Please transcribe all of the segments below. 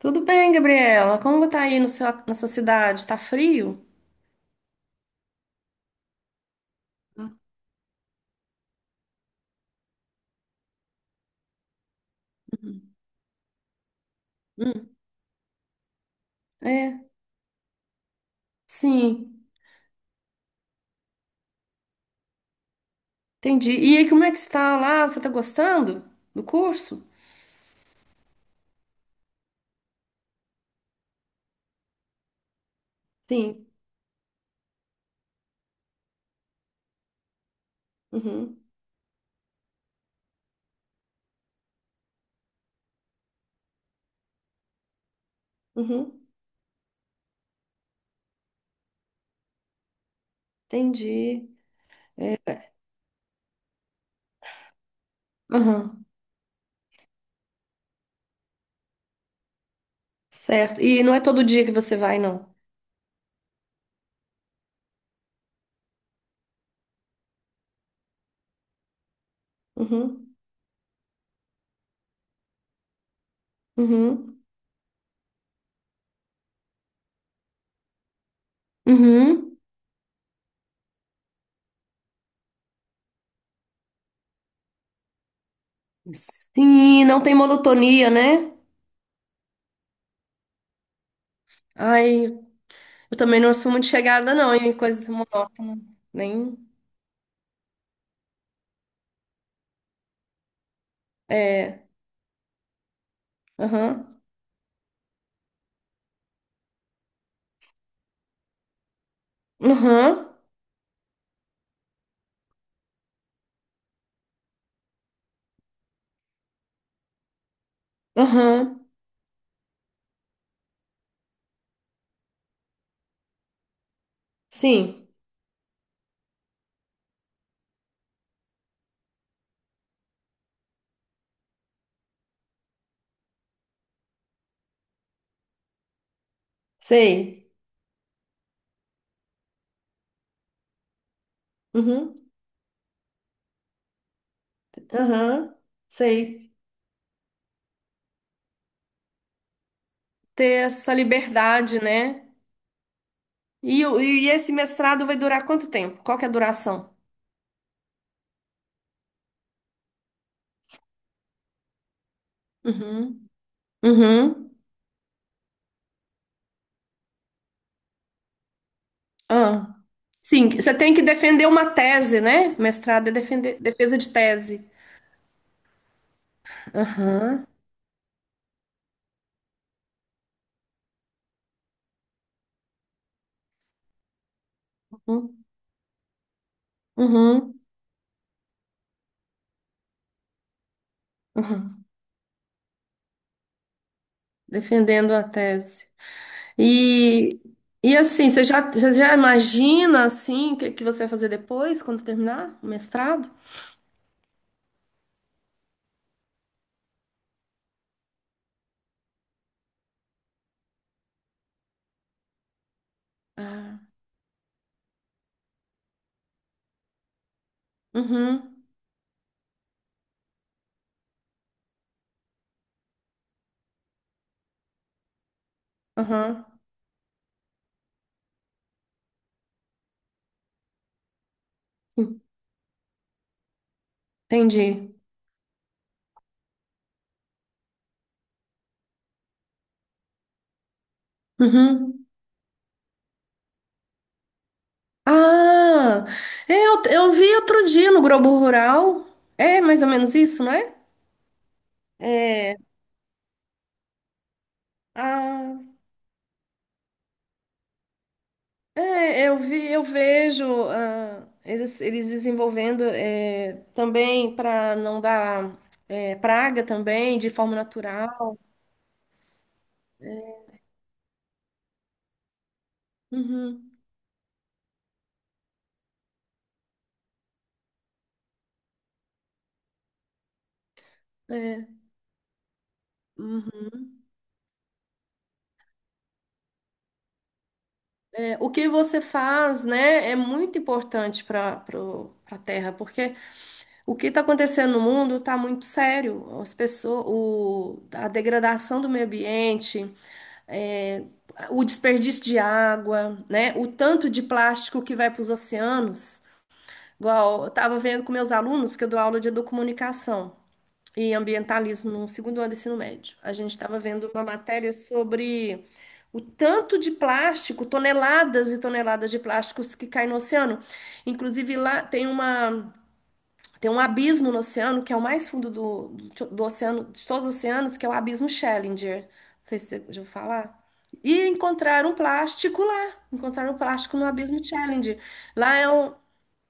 Tudo bem, Gabriela? Como tá aí no seu, na sua cidade? Tá frio? Uhum. Hum. É, sim, entendi. E aí, como é que está lá? Você tá gostando do curso? Sim. Uhum, uhum, entendi. É, uhum, certo. E não é todo dia que você vai, não? Uhum, uhum, uhum. Sim, não tem monotonia, né? Ai, eu também não sou muito chegada, não, em coisas monótonas. Nem. É. Aham. Aham. Aham, sim, sei. Uhum, aham, sei. Ter essa liberdade, né? E, e esse mestrado vai durar quanto tempo? Qual que é a duração? Uhum, uhum. Ah. Sim, você tem que defender uma tese, né? Mestrado é defesa de tese. Aham, uhum, uhum, uhum. Defendendo a tese. E, e assim, você já imagina assim o que, que você vai fazer depois, quando terminar o mestrado? Ah. Uhum, uhum, entendi. Uhum. Ah, eu vi outro dia no Globo Rural. É mais ou menos isso, não é? É, ah, é, eu vi, eu vejo ah, eles desenvolvendo também para não dar praga também de forma natural. Uhum, é. Uhum. É, o que você faz, né, é muito importante para a terra, porque o que está acontecendo no mundo está muito sério. As pessoas, a degradação do meio ambiente, é, o desperdício de água, né? O tanto de plástico que vai para os oceanos. Igual, eu estava vendo com meus alunos, que eu dou aula de educomunicação e ambientalismo no segundo ano do ensino médio. A gente estava vendo uma matéria sobre o tanto de plástico, toneladas e toneladas de plásticos que caem no oceano. Inclusive, lá tem uma. Tem um abismo no oceano, que é o mais fundo do oceano, de todos os oceanos, que é o abismo Challenger. Não sei se você já ouviu falar. E encontraram um plástico lá. Encontraram um plástico no abismo Challenger. Lá é um,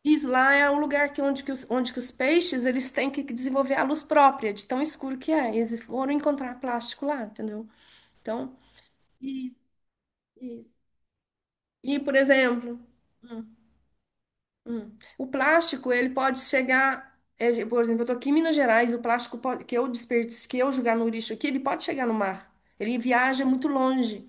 isso, lá é um lugar que onde que os peixes eles têm que desenvolver a luz própria, de tão escuro que é. E eles foram encontrar plástico lá, entendeu? Então, e, e, e por exemplo. Hum, hum. O plástico, ele pode chegar, por exemplo, eu estou aqui em Minas Gerais, o plástico que eu desperdiço, que eu jogar no lixo aqui, ele pode chegar no mar. Ele viaja muito longe.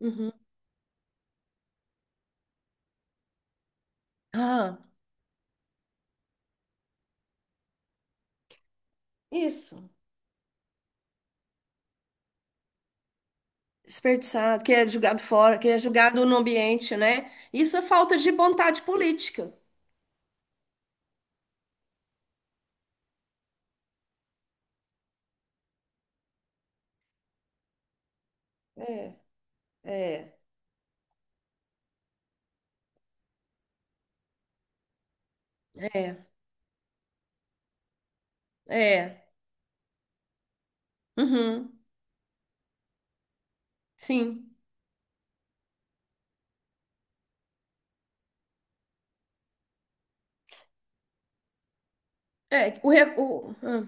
Uhum. Ah, isso. Desperdiçado, que é jogado fora, que é jogado no ambiente, né? Isso é falta de vontade política. É, é. É, é. Uhum. Sim. É, ah,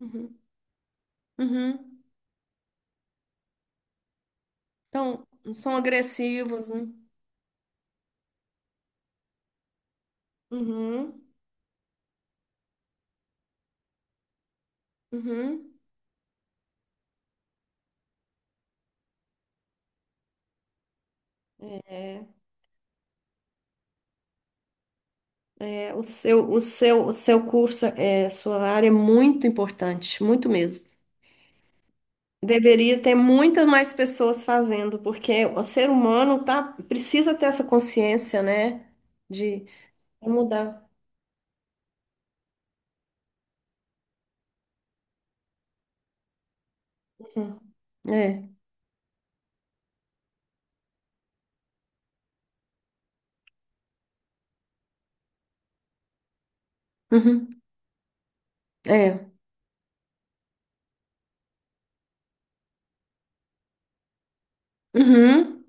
uhum, uhum. Então, são agressivos, né? Uhum, uhum. É. É, o seu curso, sua área é muito importante, muito mesmo. Deveria ter muitas mais pessoas fazendo, porque o ser humano tá, precisa ter essa consciência, né? De mudar. Uhum. É. Uhum. É. Uhum.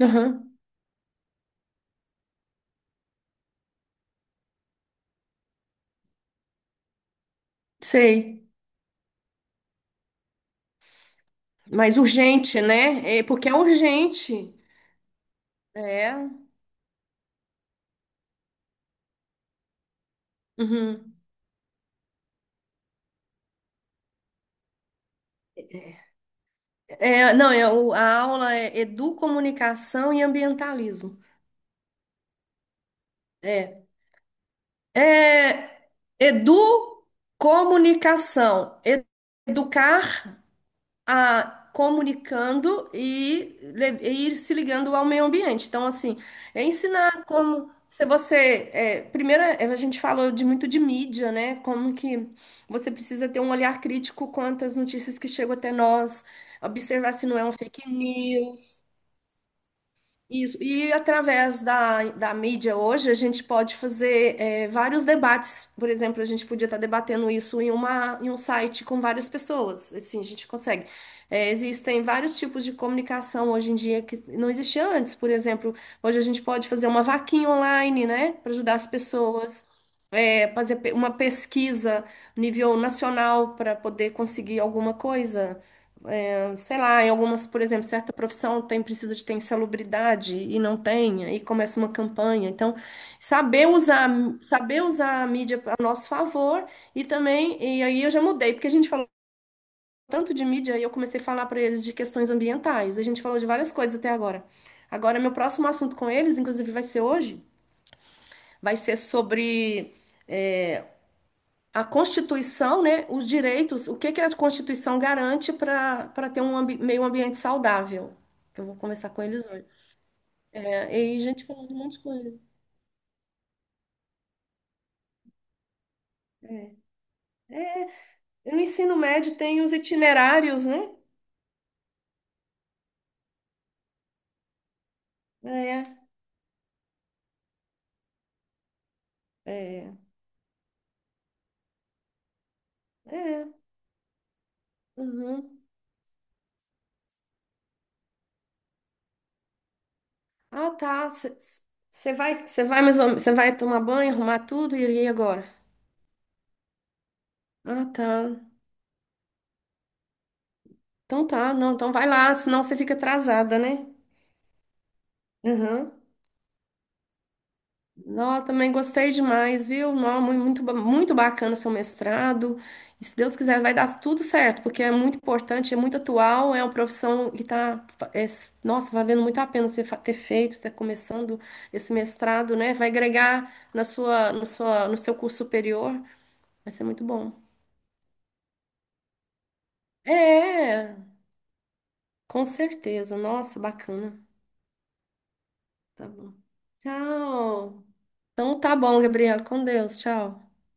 Uhum. Sei. Mas urgente, né? É, porque é urgente. É. Uhum. É, não, é, a aula é educomunicação e ambientalismo. É. É, educomunicação. Educar a comunicando e ir se ligando ao meio ambiente. Então, assim, é ensinar como se você. É, primeiro, a gente falou de muito de mídia, né? Como que você precisa ter um olhar crítico quanto às notícias que chegam até nós, observar se não é um fake news. Isso, e através da mídia hoje, a gente pode fazer vários debates. Por exemplo, a gente podia estar debatendo isso em uma, em um site com várias pessoas. Assim, a gente consegue. Existem vários tipos de comunicação hoje em dia que não existia antes. Por exemplo, hoje a gente pode fazer uma vaquinha online, né, para ajudar as pessoas, fazer uma pesquisa nível nacional para poder conseguir alguma coisa sei lá, em algumas, por exemplo, certa profissão tem precisa de ter insalubridade e não tem, aí começa uma campanha. Então, saber usar, saber usar a mídia a nosso favor e também, e aí eu já mudei, porque a gente falou tanto de mídia e eu comecei a falar para eles de questões ambientais. A gente falou de várias coisas até agora. Agora, meu próximo assunto com eles, inclusive vai ser hoje, vai ser sobre a Constituição, né, os direitos, o que que a Constituição garante para ter um meio ambiente saudável. Eu vou conversar com eles hoje. É, e aí, gente falando de um monte de coisa. É. E no ensino médio tem os itinerários, né? É, é, é. É. Uhum. Ah, tá. Mais você vai tomar banho, arrumar tudo e ir agora? Ah, tá. Então tá, não, então vai lá, senão você fica atrasada, né? Uhum. Nó, também gostei demais, viu? Nó, muito, muito bacana seu mestrado. E se Deus quiser, vai dar tudo certo, porque é muito importante, é muito atual, é uma profissão que está, nossa, valendo muito a pena você ter feito, ter começando esse mestrado, né? Vai agregar na sua, no seu curso superior, vai ser muito bom. É, com certeza. Nossa, bacana. Tá bom. Tchau. Então tá bom, Gabriela. Com Deus. Tchau. Até